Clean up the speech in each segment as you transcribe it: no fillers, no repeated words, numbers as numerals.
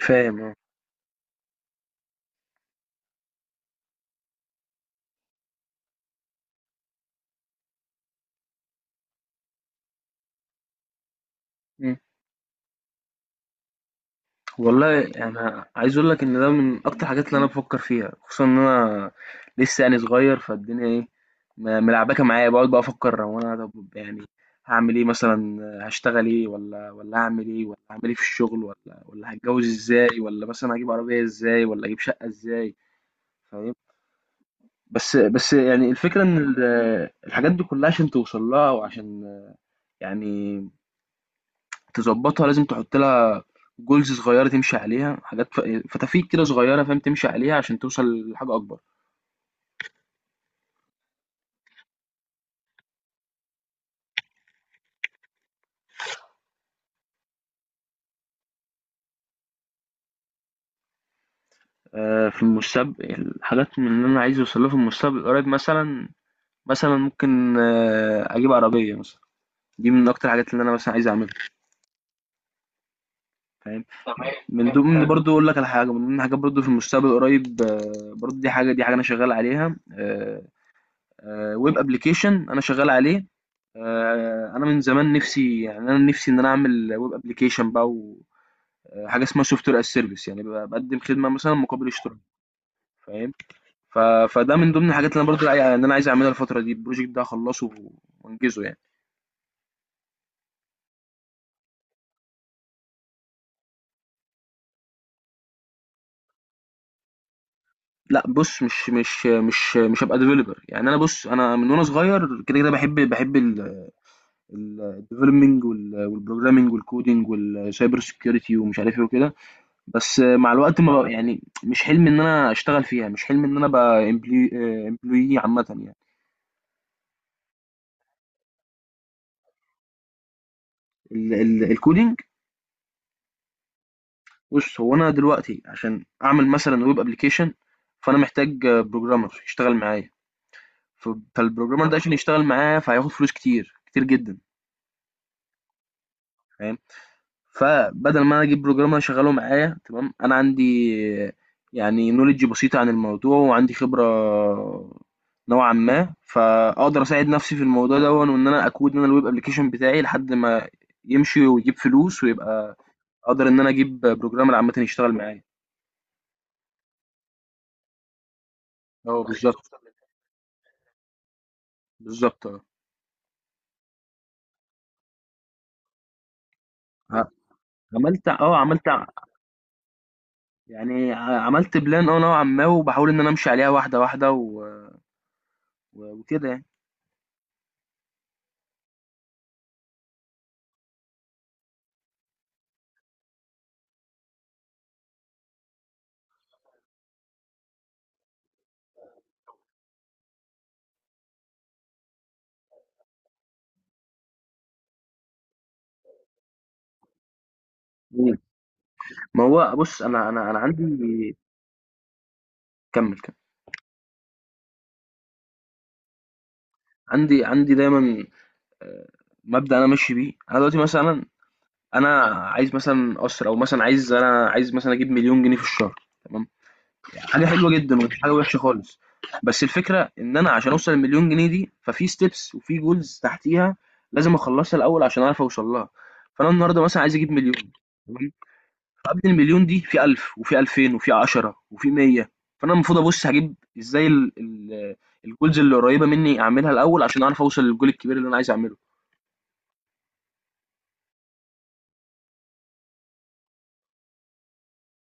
فاهم آه. إمم. والله أنا عايز أقول لك إن ده من أكتر الحاجات اللي أنا بافكّر فيها، خصوصًا إن أنا لسه يعني صغير، فالدنيا إيه، ملعبكة معايا، باقعد بقى أفكّر هو أنا طَب يعني هاعمل إيه مثلًا، هاشتغل إيه والّا هاعمل إيه والّا هاعمل إيه في الشغل والّا هاتجوّز إزاي والّا مثلًا هاجيب عربية إزاي والّا أجيب شقة إزاي، فاهم؟ بس يعني الفكرة إن الحاجات دي كُلّها عشان توصل لها وعشان يعني تضبّطها لازم تحُط لها جولز صغيرة تمشي عليها حاجات فتافيت كده صغيرة فاهم تمشي عليها عشان توصل لحاجة أكبر. آه، في المستقبل الحاجات من اللي أنا عايز أوصلها في المستقبل القريب مثلا، مثلا ممكن آه، أجيب عربية مثلا. دي من أكتر الحاجات اللي أنا مثلا عايز أعملها. فاهم تمام، من ضمن برضو أقول لك على حاجة من ضمن حاجات برضو في المستقبل القريب آه، برضو دي حاجة أنا شغال عليها. ويب أبلكيشن أنا شغال عليه. آه، انا من زمان نفسي، يعني انا نفسي ان انا اعمل ويب ابلكيشن بقى. آه، حاجه اسمها سوفت وير از سيرفيس، يعني ببقى بقدم خدمه مثلا مقابل اشتراك. فاهم. ف... فده من ضمن الحاجات اللي انا برضو يعني انا عايز اعملها الفتره دي، البروجكت ده اخلصه وانجزه يعني. لا بص، مش هبقى ديفلوبر. يعني انا بص انا من وانا صغير كده كده بحب الديفلوبمنج والبروجرامنج والكودينج والسايبر سكيورتي ومش عارف ايه وكده. بس مع الوقت ما بقى يعني مش حلم ان انا اشتغل فيها، مش حلم ان انا ابقى امبلوي عامه يعني. الكودينج. بُص، هو أنا دلوقتي عشان أعمل مثلًا web application فأنا محتاج programmer يشتغل معايا، فالprogrammer ده عشان يشتغل معايا فهياخد فلوس كتير، كتير جدًا. فاهم؟ فبدل ما أنا أجيب programmer أشغّله معايا تمام، أنا عندي يعني knowledge بسيطة عن الموضوع وعندي خبرة نوعًا ما، فأقدر أساعد نفسي في الموضوع دَوًّا وإن أنا أقود أنا الweb application بتاعي لحد ما يمشي ويجيب فلوس ويبقى أقدر إن أنا أجيب programmer عامةً يشتغل معايا. آه بالضبط، بالضبط آه. عملت آه، عملت ع يعني ع عملت plan آه نوعًا ما، وباحاول إن أنا أمشي عليها واحدة، واحدة وكده يعني. إمم. ما هو بُص، أنا عندي. كمّل، كمّل. عندي دايمًا آآ مبدأ أنا ماشي بيه. أنا دلوقتي مثلًا أنا عايز مثلًا قَصْر أو مثلًا عايز مثلًا أجيب 1.000.000 جنيه في الشهر، تمام، حاجة حلوة جدًا ومش حاجة وِحشة خالص، بس الفكرة إن أنا عشان أوصل ال1.000.000 جنيه دي، ففي steps وفي goals تحتيها لازم أخلّصها الأول عشان أعرف أوصل لها. فأنا النهارده مثلًا عايز أجيب 1.000.000، تمام، فقبل المليون دي في 1000 وفي 2000 وفي 10 وفي 100. فانا المفروض ابص هجيب ازاي ال الجولز اللي قريبه مني اعملها الاول عشان اعرف اوصل للجول الكبير اللي انا عايز اعمله.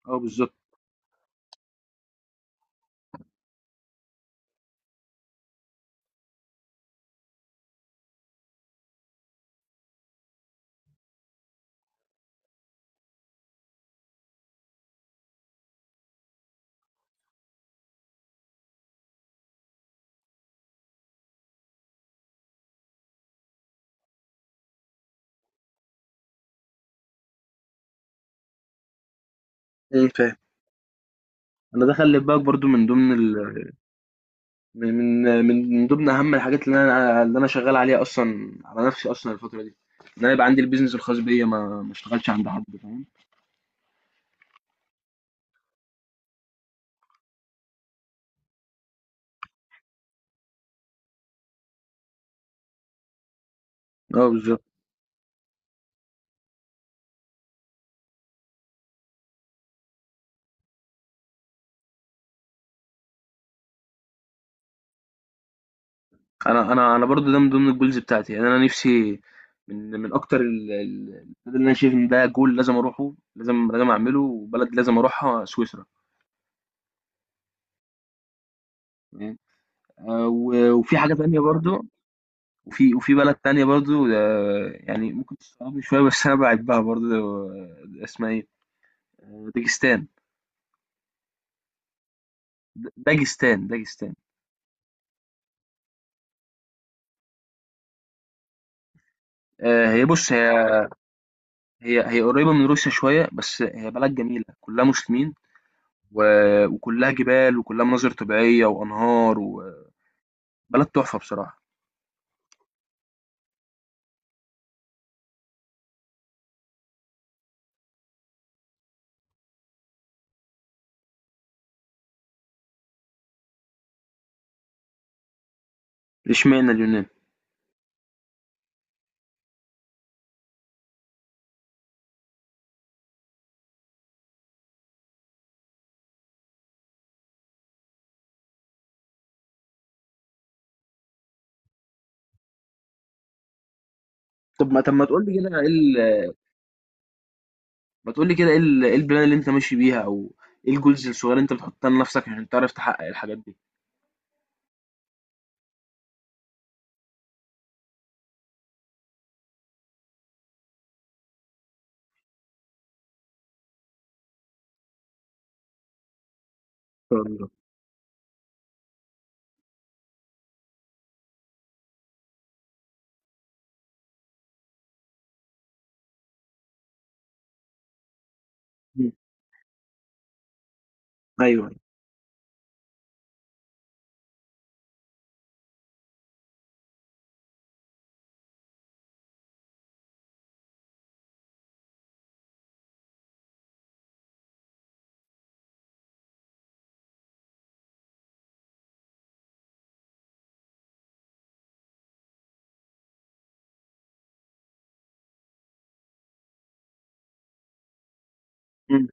اه بالظبط. ايه فاهم. انا ده خلي بالك برضو من ضمن اهم الحاجات اللي انا اللي انا شغال عليها اصلا على نفسي اصلا الفتره دي، ان انا يبقى عندي البيزنس الخاص بيا ما اشتغلش عند حد. فاهم. اه بالظبط. انا برضو ده من ضمن الجولز بتاعتي. يعني انا نفسي من اكتر البلد اللي انا شايف ان ده جول لازم اروحه، لازم اعمله، وبلد لازم اروحها سويسرا. تمام؟ آه، وفي حاجه تانية برضو. وفي بلد تانية برضو، آه، يعني ممكن تستغربني شويه بس انا بحبها برضو. آه، اسمها ايه، آه، داجستان. داجستان داجستان. آه، هي بص هي قريبه من روسيا شويه، بس هي بلد جميله كلها مسلمين، وكلها جبال وكلها مناظر طبيعيه وانهار و بلد تحفة بصراحة. إشمعنى اليونان؟ طب ما تقول لي كده إيه ما تقول لي كده إيه إيه البلان اللي أنت ماشي بيها أو إيه الجولز الصغيرة اللي أنت بتحطها لنفسك عشان تعرف تحقق الحاجات دي؟ إن شاء الله. إمم. أيوه. إمم،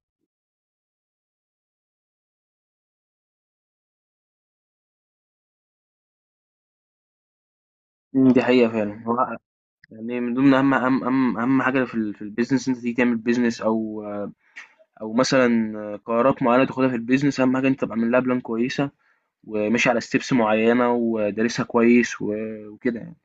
إمم، دي حقيقة فعلًا. هو يعني من ضمن أهم حاجة في ال في الbusiness إن أنت تيجي تعمل business أو مثلًا قرارات معينة تاخدها في الbusiness. أهم حاجة أنت تبقى عامل لها بلان كويسة وماشي على steps معينة ودارسها كويس و وكده يعني.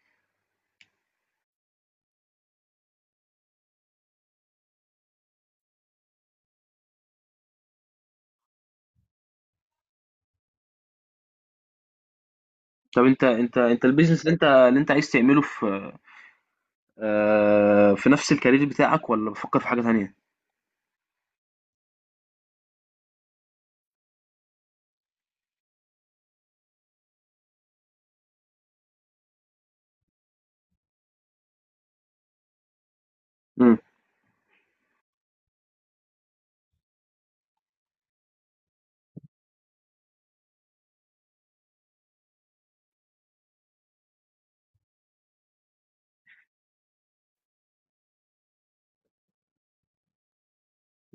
طب أنت الbusiness اللي أنت اللي أنت عايز تعمله في آه، في نفس الكارير بتاعك والّا بتفكّر في حاجة تانية؟ إمم.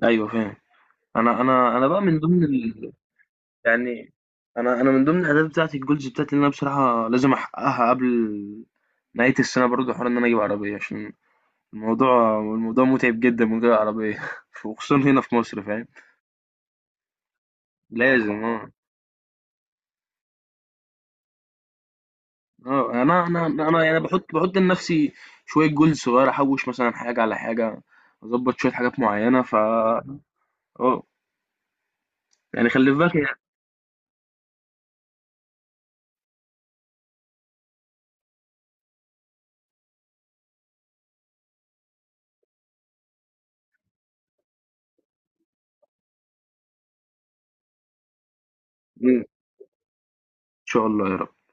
أيوه فاهم. أنا بقى من ضمن ال، يعني أنا من ضمن الأهداف بتاعتي الgoals بتاعتي اللي أنا بصراحة لازم أحققها قبل نهاية السنة برضه، حوار إن أنا أجيب عربية، عشان الموضوع مُتعب جدًا من غير عربية وخصوصًا هنا في مصر، فاهم، لازم آه، آه، أنا يعني باحط لنفسي شوية goals صغيّرة، أحوّش مثلًا حاجة على حاجة، أضبّط شوية حاجات معيّنة ف آه، يعني خلّي في بالك هي. إمم. شاء الله يا رب.